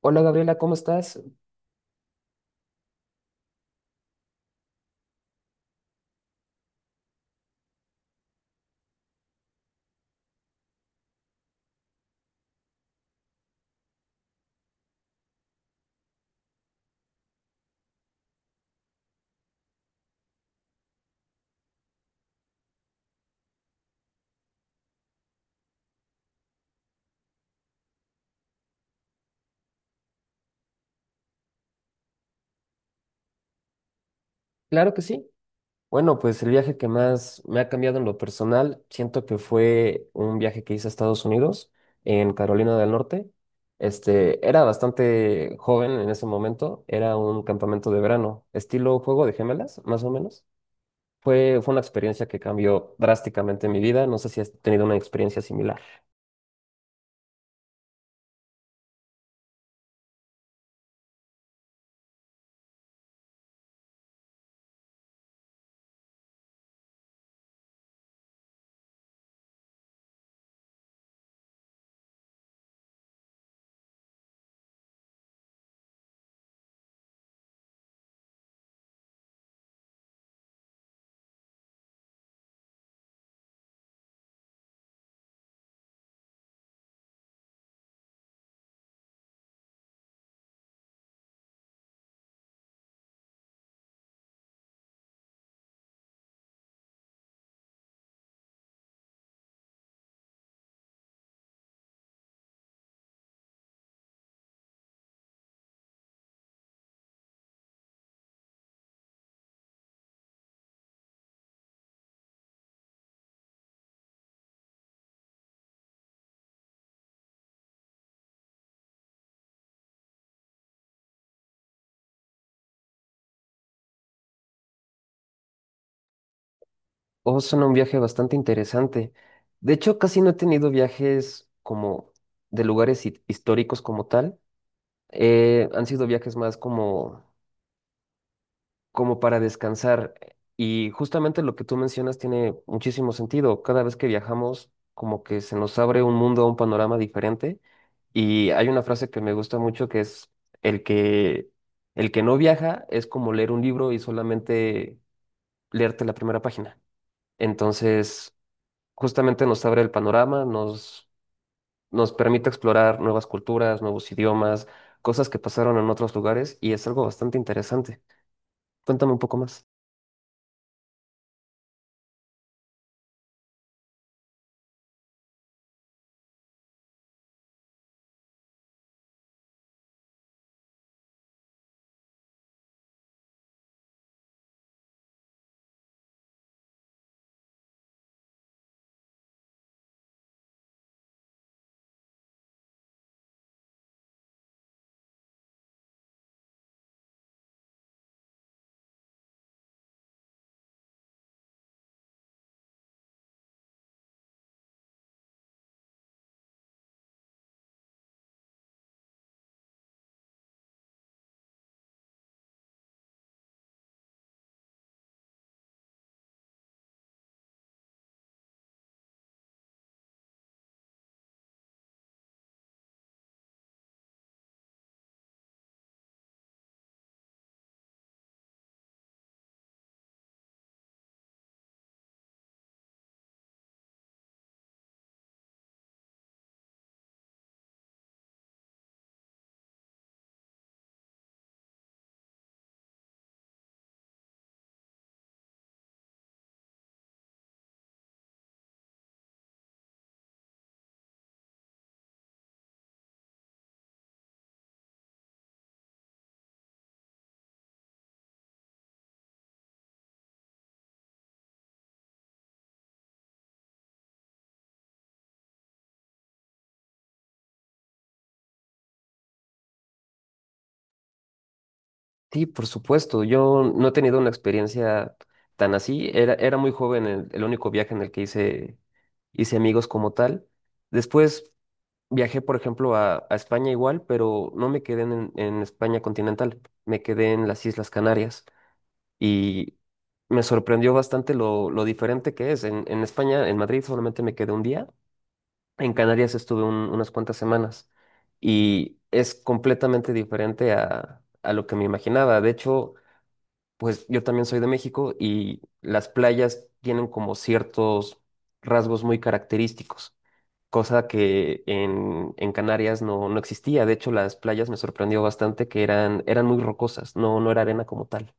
Hola Gabriela, ¿cómo estás? Claro que sí. Bueno, pues el viaje que más me ha cambiado en lo personal, siento que fue un viaje que hice a Estados Unidos, en Carolina del Norte. Era bastante joven en ese momento, era un campamento de verano, estilo juego de gemelas, más o menos. Fue una experiencia que cambió drásticamente mi vida, no sé si has tenido una experiencia similar. Oh, suena un viaje bastante interesante. De hecho, casi no he tenido viajes como de lugares históricos como tal. Han sido viajes más como para descansar. Y justamente lo que tú mencionas tiene muchísimo sentido. Cada vez que viajamos, como que se nos abre un mundo, un panorama diferente. Y hay una frase que me gusta mucho que es el que, el que no viaja es como leer un libro y solamente leerte la primera página. Entonces, justamente nos abre el panorama, nos permite explorar nuevas culturas, nuevos idiomas, cosas que pasaron en otros lugares y es algo bastante interesante. Cuéntame un poco más. Sí, por supuesto, yo no he tenido una experiencia tan así. Era muy joven el único viaje en el que hice amigos como tal. Después viajé, por ejemplo, a España igual, pero no me quedé en España continental, me quedé en las Islas Canarias y me sorprendió bastante lo diferente que es. En España, en Madrid, solamente me quedé un día. En Canarias estuve unas cuantas semanas y es completamente diferente a lo que me imaginaba. De hecho, pues yo también soy de México y las playas tienen como ciertos rasgos muy característicos, cosa que en Canarias no, no existía. De hecho, las playas me sorprendió bastante que eran muy rocosas, no, no era arena como tal.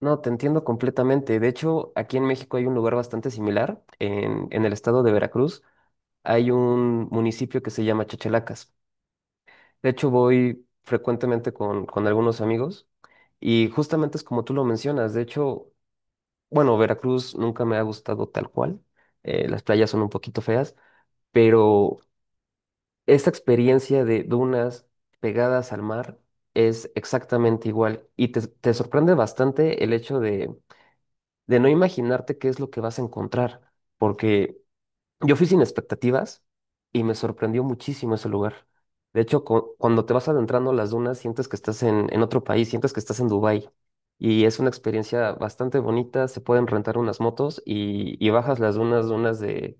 No, te entiendo completamente. De hecho, aquí en México hay un lugar bastante similar, en el estado de Veracruz hay un municipio que se llama Chachalacas. De hecho, voy frecuentemente con algunos amigos y justamente es como tú lo mencionas. De hecho, bueno, Veracruz nunca me ha gustado tal cual. Las playas son un poquito feas, pero esta experiencia de dunas pegadas al mar es exactamente igual y te sorprende bastante el hecho de no imaginarte qué es lo que vas a encontrar, porque... Yo fui sin expectativas y me sorprendió muchísimo ese lugar. De hecho, cuando te vas adentrando a las dunas, sientes que estás en otro país, sientes que estás en Dubái. Y es una experiencia bastante bonita. Se pueden rentar unas motos y bajas las dunas, dunas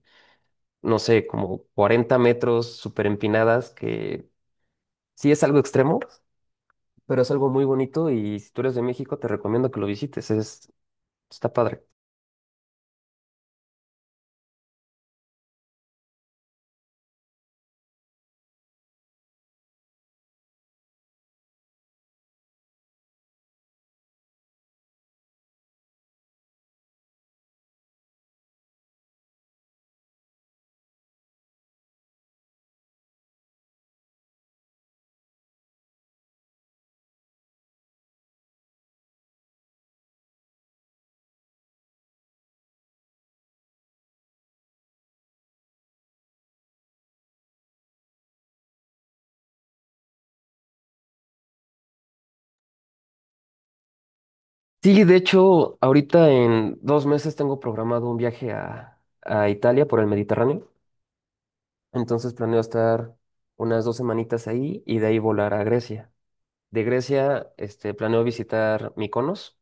no sé, como 40 metros, súper empinadas, que sí es algo extremo, pero es algo muy bonito. Y si tú eres de México, te recomiendo que lo visites. Es, está padre. Sí, de hecho, ahorita en 2 meses tengo programado un viaje a Italia por el Mediterráneo. Entonces planeo estar unas dos semanitas ahí y de ahí volar a Grecia. De Grecia, planeo visitar Mykonos,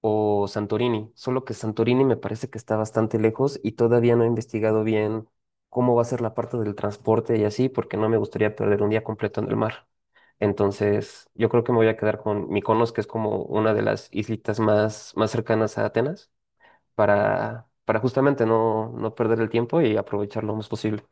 o Santorini, solo que Santorini me parece que está bastante lejos y todavía no he investigado bien cómo va a ser la parte del transporte y así, porque no me gustaría perder un día completo en el mar. Entonces, yo creo que me voy a quedar con Mykonos, que es como una de las islitas más cercanas a Atenas, para justamente no, no perder el tiempo y aprovechar lo más posible.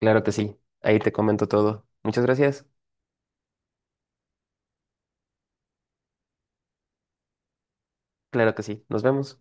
Claro que sí, ahí te comento todo. Muchas gracias. Claro que sí, nos vemos.